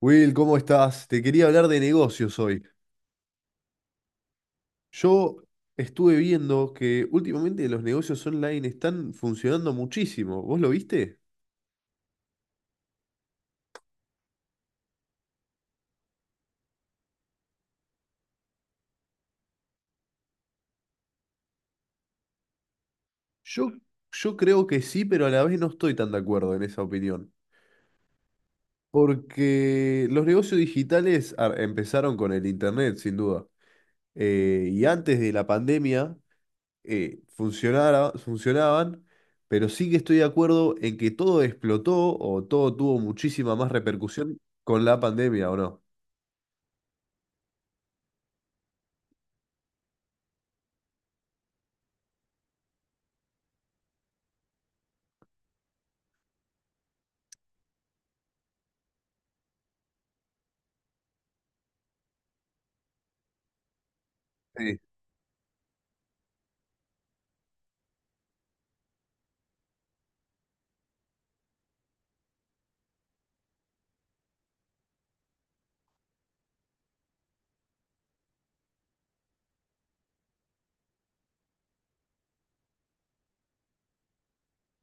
Will, ¿cómo estás? Te quería hablar de negocios hoy. Yo estuve viendo que últimamente los negocios online están funcionando muchísimo. ¿Vos lo viste? Yo, yo creo que sí, pero a la vez no estoy tan de acuerdo en esa opinión. Porque los negocios digitales empezaron con el Internet, sin duda. Y antes de la pandemia funcionaban, pero sí que estoy de acuerdo en que todo explotó o todo tuvo muchísima más repercusión con la pandemia, ¿o no? Sí,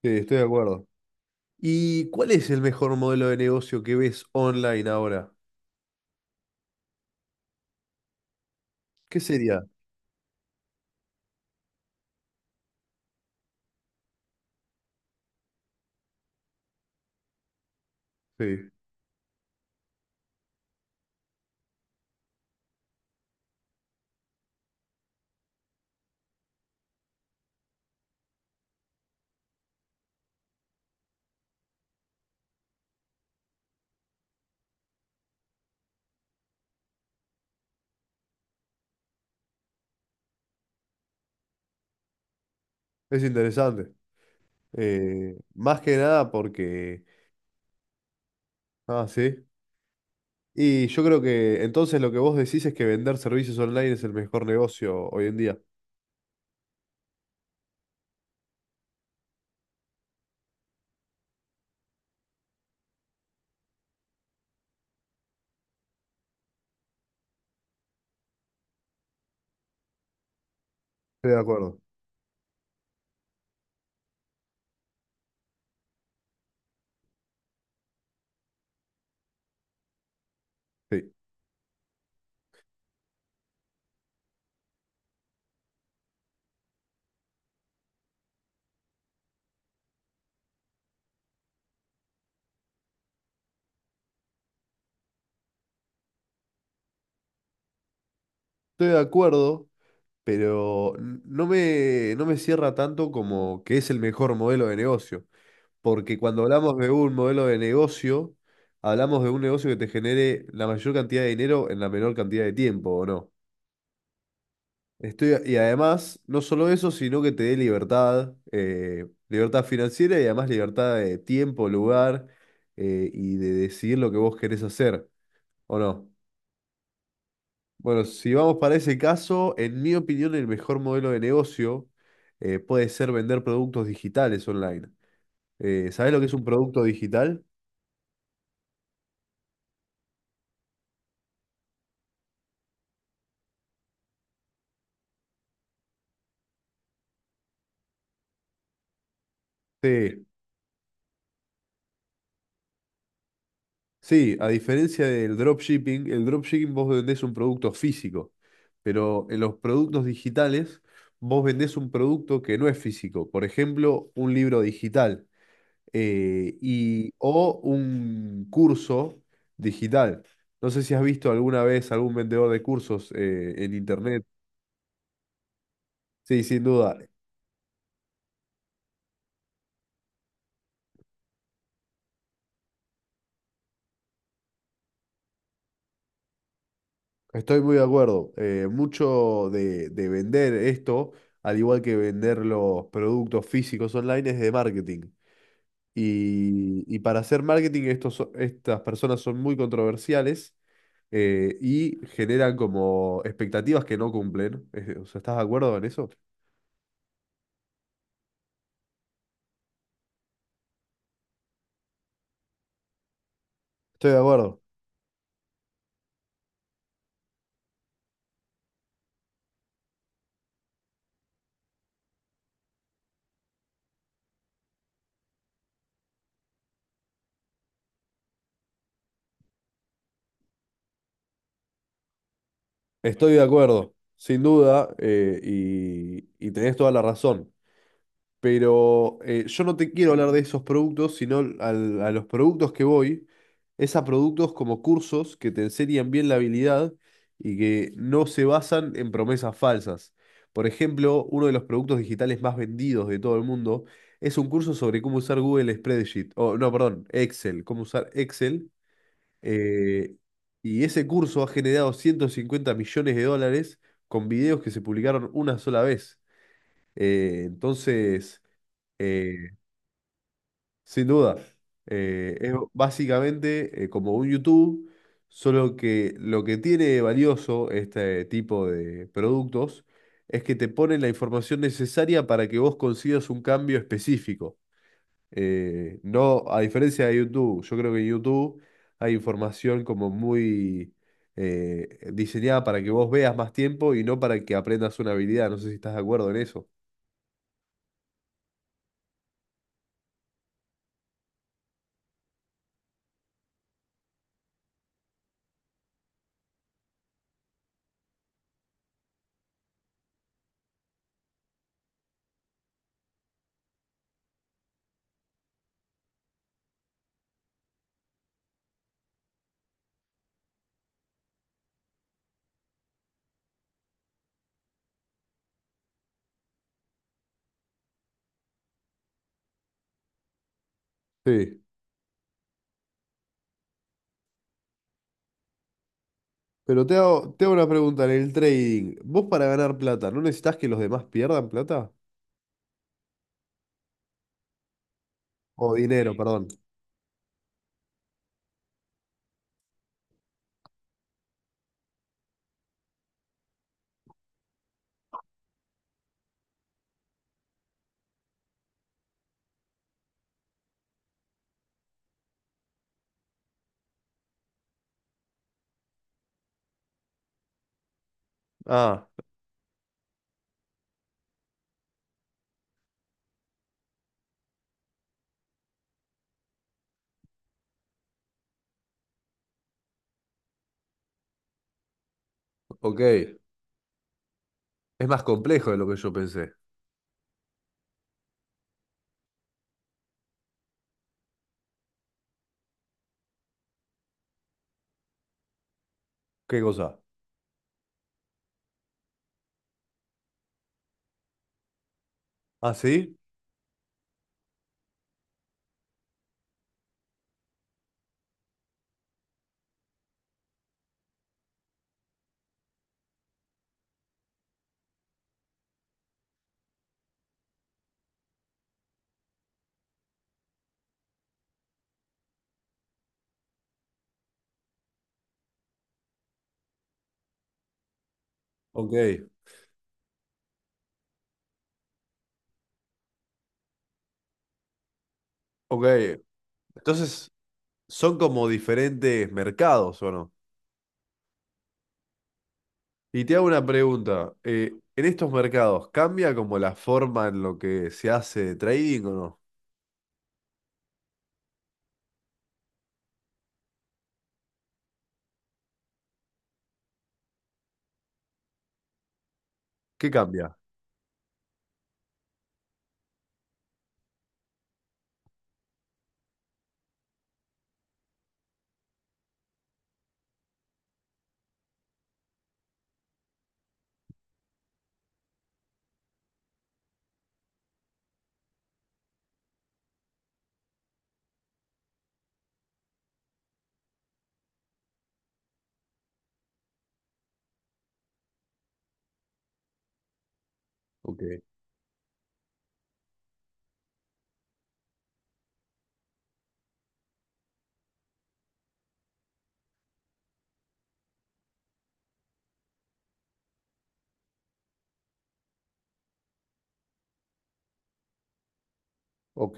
sí, estoy de acuerdo. ¿Y cuál es el mejor modelo de negocio que ves online ahora? ¿Qué sería? Sí, es interesante. Más que nada porque... Ah, sí. Y yo creo que entonces lo que vos decís es que vender servicios online es el mejor negocio hoy en día. Estoy de acuerdo. Sí, estoy de acuerdo, pero no me cierra tanto como que es el mejor modelo de negocio. Porque cuando hablamos de un modelo de negocio, hablamos de un negocio que te genere la mayor cantidad de dinero en la menor cantidad de tiempo, ¿o no? Estoy, y además, no solo eso, sino que te dé libertad, libertad financiera y además libertad de tiempo, lugar y de decidir lo que vos querés hacer, ¿o no? Bueno, si vamos para ese caso, en mi opinión, el mejor modelo de negocio puede ser vender productos digitales online. ¿Sabés lo que es un producto digital? Sí. Sí, a diferencia del dropshipping, el dropshipping vos vendés un producto físico, pero en los productos digitales vos vendés un producto que no es físico, por ejemplo, un libro digital o un curso digital. No sé si has visto alguna vez algún vendedor de cursos en internet. Sí, sin duda, estoy muy de acuerdo. Mucho de vender esto, al igual que vender los productos físicos online, es de marketing. Y para hacer marketing, estas personas son muy controversiales y generan como expectativas que no cumplen. O sea, ¿estás de acuerdo en eso? Estoy de acuerdo. Estoy de acuerdo, sin duda, y tenés toda la razón. Pero yo no te quiero hablar de esos productos, sino a los productos que voy, es a productos como cursos que te enseñan bien la habilidad y que no se basan en promesas falsas. Por ejemplo, uno de los productos digitales más vendidos de todo el mundo es un curso sobre cómo usar Google Spreadsheet, o no, perdón, Excel, cómo usar Excel. eh, y ese curso ha generado $150 millones con videos que se publicaron una sola vez. Eh, entonces eh, sin duda. Es básicamente como un YouTube, solo que lo que tiene valioso este tipo de productos es que te ponen la información necesaria para que vos consigas un cambio específico. No, a diferencia de YouTube, yo creo que en YouTube hay información como muy diseñada para que vos veas más tiempo y no para que aprendas una habilidad. No sé si estás de acuerdo en eso. Sí. Pero te hago una pregunta en el trading. ¿Vos para ganar plata, no necesitas que los demás pierdan plata? O dinero, sí, perdón. Ah, ok. Es más complejo de lo que yo pensé. ¿Qué cosa? ¿Ah, sí? Ok, ok. Entonces, son como diferentes mercados, ¿o no? Y te hago una pregunta. ¿En estos mercados cambia como la forma en lo que se hace trading o no? ¿Qué cambia? Ok, ok.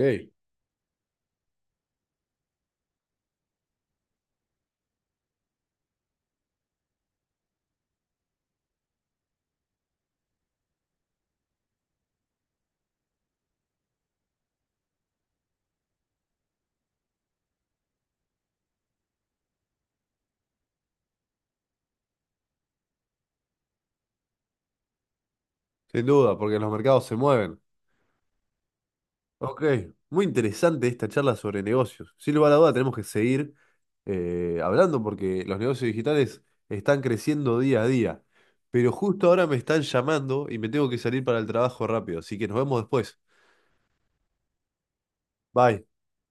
Sin duda, porque los mercados se mueven. Ok, muy interesante esta charla sobre negocios. Sin lugar a duda tenemos que seguir hablando porque los negocios digitales están creciendo día a día. Pero justo ahora me están llamando y me tengo que salir para el trabajo rápido, así que nos vemos después. Bye.